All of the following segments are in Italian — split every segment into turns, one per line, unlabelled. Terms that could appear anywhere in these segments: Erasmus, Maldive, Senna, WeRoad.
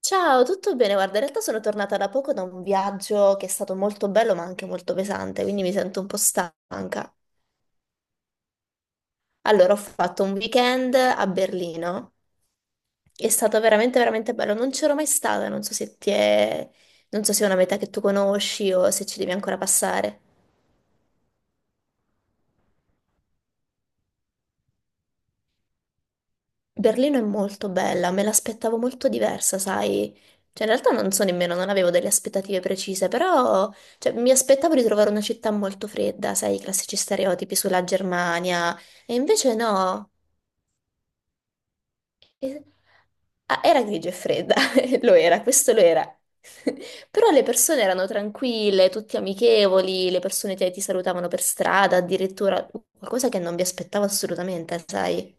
Ciao, tutto bene? Guarda, in realtà sono tornata da poco da un viaggio che è stato molto bello ma anche molto pesante, quindi mi sento un po' stanca. Allora, ho fatto un weekend a Berlino. È stato veramente, veramente bello. Non c'ero mai stata, non so se è una meta che tu conosci o se ci devi ancora passare. Berlino è molto bella, me l'aspettavo molto diversa, sai? Cioè, in realtà non so nemmeno, non avevo delle aspettative precise, però cioè, mi aspettavo di trovare una città molto fredda, sai, i classici stereotipi sulla Germania, e invece no. E- ah, era grigia e fredda, lo era, questo lo era. Però le persone erano tranquille, tutti amichevoli, le persone ti salutavano per strada, addirittura qualcosa che non vi aspettavo assolutamente, sai?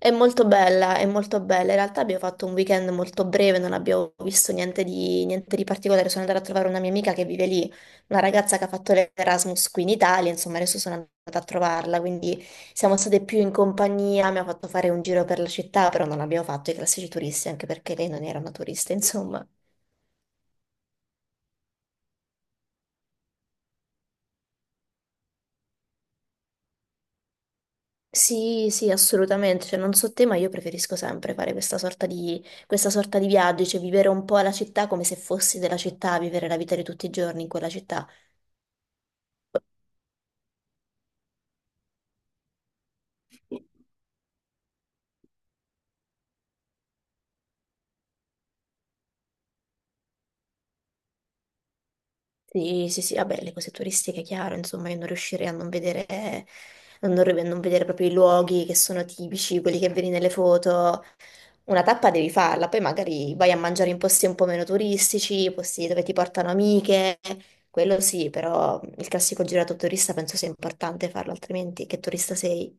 È molto bella, è molto bella. In realtà abbiamo fatto un weekend molto breve, non abbiamo visto niente di particolare. Sono andata a trovare una mia amica che vive lì, una ragazza che ha fatto l'Erasmus qui in Italia, insomma, adesso sono andata a trovarla, quindi siamo state più in compagnia, mi ha fatto fare un giro per la città, però non abbiamo fatto i classici turisti, anche perché lei non era una turista, insomma. Sì, sì, assolutamente. Cioè, non so te, ma io preferisco sempre fare questa sorta di viaggio, cioè vivere un po' la città come se fossi della città, vivere la vita di tutti i giorni in quella città. Sì, sì, sì, vabbè, le cose turistiche, chiaro, insomma, io non riuscirei a non vedere, a non vedere proprio i luoghi che sono tipici, quelli che vedi nelle foto. Una tappa devi farla, poi magari vai a mangiare in posti un po' meno turistici, posti dove ti portano amiche, quello sì, però il classico girato turista penso sia importante farlo, altrimenti che turista sei?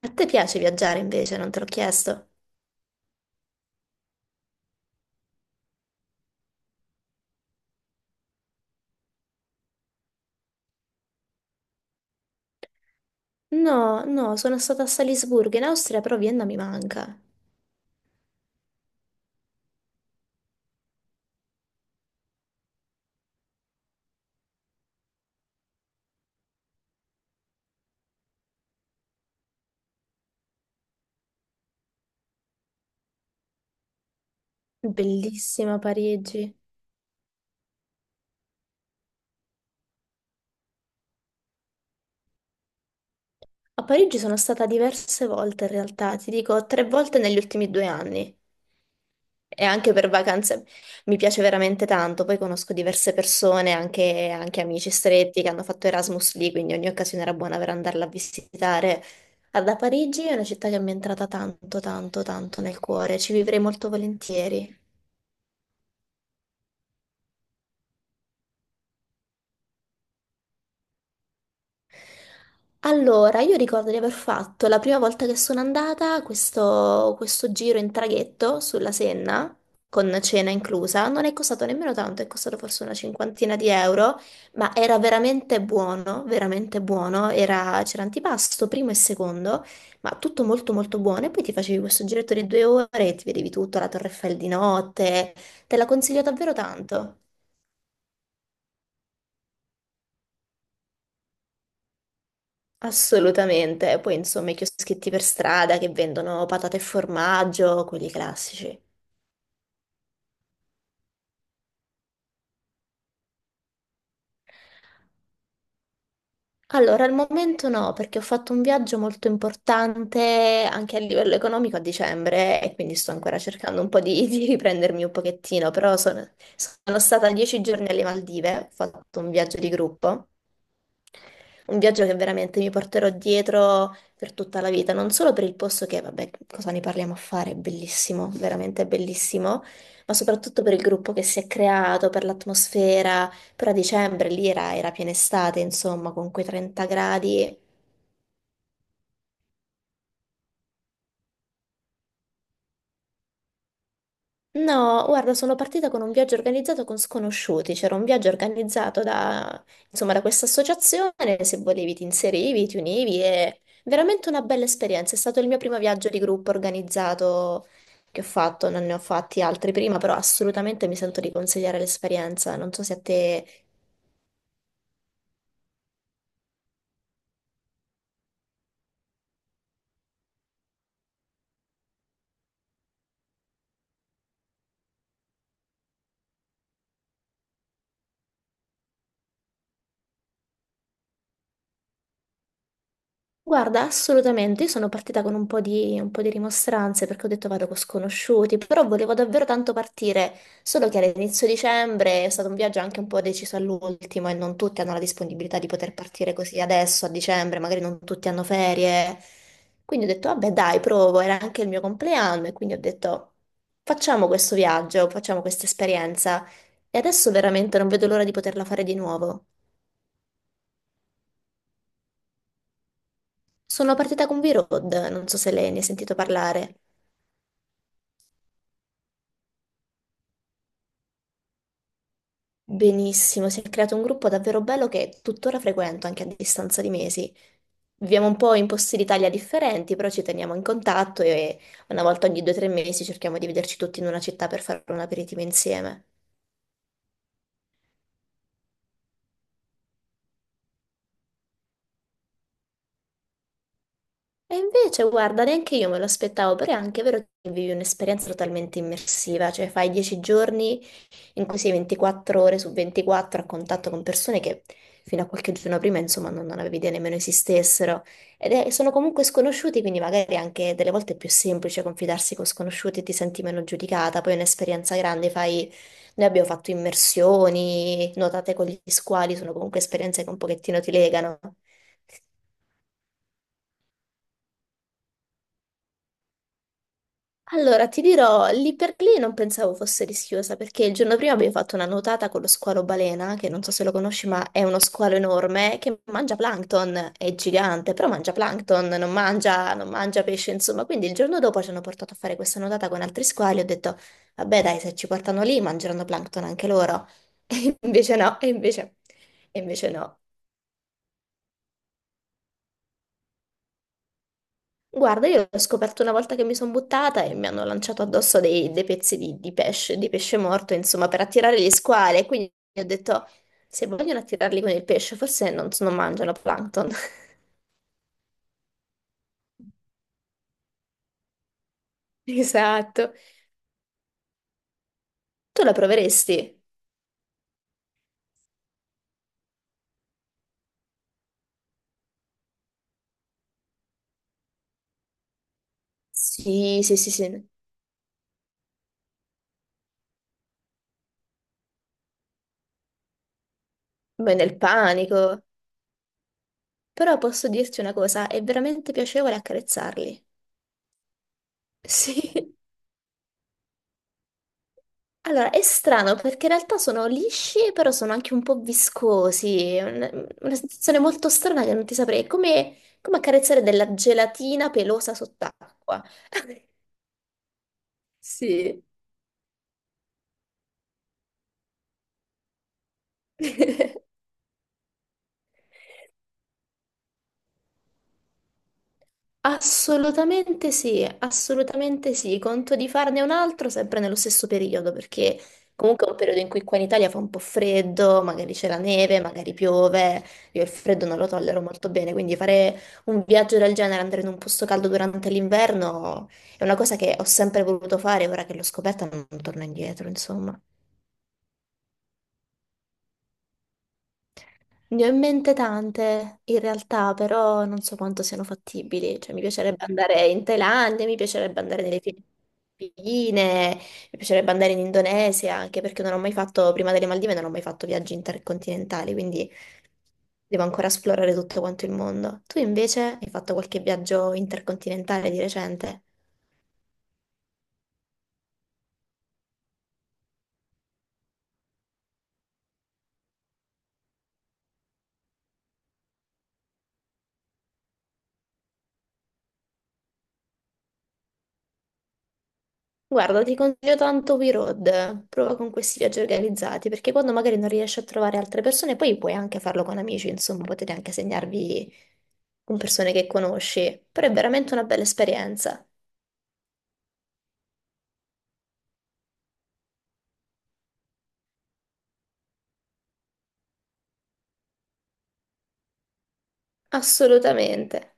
A te piace viaggiare invece, non te l'ho chiesto? No, no, sono stata a Salisburgo in Austria, però Vienna mi manca. Bellissima Parigi. A Parigi sono stata diverse volte in realtà, ti dico 3 volte negli ultimi 2 anni. E anche per vacanze mi piace veramente tanto, poi conosco diverse persone, anche, anche amici stretti che hanno fatto Erasmus lì, quindi ogni occasione era buona per andarla a visitare. Ah, da Parigi è una città che mi è entrata tanto, tanto, tanto nel cuore, ci vivrei molto volentieri. Allora, io ricordo di aver fatto la prima volta che sono andata questo, questo giro in traghetto sulla Senna, con cena inclusa. Non è costato nemmeno tanto, è costato forse una cinquantina di euro, ma era veramente buono, veramente buono. C'era antipasto, primo e secondo, ma tutto molto molto buono. E poi ti facevi questo giretto di 2 ore e ti vedevi tutto, la Torre Eiffel di notte. Te la consiglio davvero tanto. Assolutamente, poi insomma i chioschetti per strada che vendono patate e formaggio, quelli classici. Allora, al momento no, perché ho fatto un viaggio molto importante anche a livello economico a dicembre e quindi sto ancora cercando un po' di riprendermi un pochettino, però sono, sono stata 10 giorni alle Maldive, ho fatto un viaggio di gruppo. Un viaggio che veramente mi porterò dietro per tutta la vita, non solo per il posto che, vabbè, cosa ne parliamo a fare, è bellissimo, veramente bellissimo, ma soprattutto per il gruppo che si è creato, per l'atmosfera. Però a dicembre lì era, era piena estate, insomma, con quei 30 gradi. No, guarda, sono partita con un viaggio organizzato con sconosciuti, c'era un viaggio organizzato insomma, da questa associazione, se volevi ti inserivi, ti univi e veramente una bella esperienza. È stato il mio primo viaggio di gruppo organizzato che ho fatto, non ne ho fatti altri prima, però assolutamente mi sento di consigliare l'esperienza. Non so se a te. Guarda, assolutamente, io sono partita con un po' di rimostranze perché ho detto vado con sconosciuti, però volevo davvero tanto partire, solo che all'inizio dicembre è stato un viaggio anche un po' deciso all'ultimo e non tutti hanno la disponibilità di poter partire così adesso a dicembre, magari non tutti hanno ferie. Quindi ho detto vabbè dai, provo, era anche il mio compleanno e quindi ho detto facciamo questo viaggio, facciamo questa esperienza e adesso veramente non vedo l'ora di poterla fare di nuovo. Sono partita con V-Road, non so se lei ne ha sentito parlare. Benissimo, si è creato un gruppo davvero bello che tuttora frequento anche a distanza di mesi. Viviamo un po' in posti d'Italia differenti, però ci teniamo in contatto e una volta ogni 2 o 3 mesi cerchiamo di vederci tutti in una città per fare un aperitivo insieme. E invece, guarda, neanche io me lo aspettavo, però è anche vero che vivi un'esperienza totalmente immersiva, cioè fai 10 giorni in cui sei 24 ore su 24 a contatto con persone che fino a qualche giorno prima, insomma, non avevi idea nemmeno esistessero. Sono comunque sconosciuti, quindi magari anche delle volte è più semplice confidarsi con sconosciuti e ti senti meno giudicata. Poi è un'esperienza grande, fai... Noi abbiamo fatto immersioni, nuotate con gli squali, sono comunque esperienze che un pochettino ti legano. Allora, ti dirò, lì per lì non pensavo fosse rischiosa, perché il giorno prima abbiamo fatto una nuotata con lo squalo balena, che non so se lo conosci, ma è uno squalo enorme che mangia plankton, è gigante, però mangia plankton, non mangia pesce, insomma. Quindi il giorno dopo ci hanno portato a fare questa nuotata con altri squali, ho detto, vabbè dai, se ci portano lì mangeranno plankton anche loro. E invece no, e invece no. Guarda, io l'ho scoperto una volta che mi sono buttata e mi hanno lanciato addosso dei pezzi di pesce morto, insomma, per attirare gli squali. E quindi ho detto, se vogliono attirarli con il pesce, forse non, so, non mangiano plankton. Esatto. Tu la proveresti? Sì, sì, sì, sì. Beh, nel panico. Però posso dirti una cosa, è veramente piacevole accarezzarli. Sì. Allora, è strano perché in realtà sono lisci, però sono anche un po' viscosi. È una sensazione molto strana che non ti saprei. È come, come accarezzare della gelatina pelosa sott'acqua. Sì. Assolutamente sì, assolutamente sì. Conto di farne un altro sempre nello stesso periodo, perché comunque è un periodo in cui qua in Italia fa un po' freddo, magari c'è la neve, magari piove. Io il freddo non lo tollero molto bene, quindi fare un viaggio del genere, andare in un posto caldo durante l'inverno, è una cosa che ho sempre voluto fare, ora che l'ho scoperta non torno indietro, insomma. Ne ho in mente tante, in realtà, però non so quanto siano fattibili. Cioè, mi piacerebbe andare in Thailandia, mi piacerebbe andare nelle Filippine, mi piacerebbe andare in Indonesia, anche perché non ho mai fatto, prima delle Maldive, non ho mai fatto viaggi intercontinentali, quindi devo ancora esplorare tutto quanto il mondo. Tu invece hai fatto qualche viaggio intercontinentale di recente? Guarda, ti consiglio tanto WeRoad, prova con questi viaggi organizzati, perché quando magari non riesci a trovare altre persone, poi puoi anche farlo con amici, insomma, potete anche segnarvi con persone che conosci, però è veramente una bella esperienza. Assolutamente,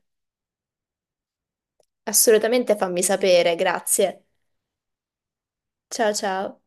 assolutamente fammi sapere, grazie. Ciao ciao.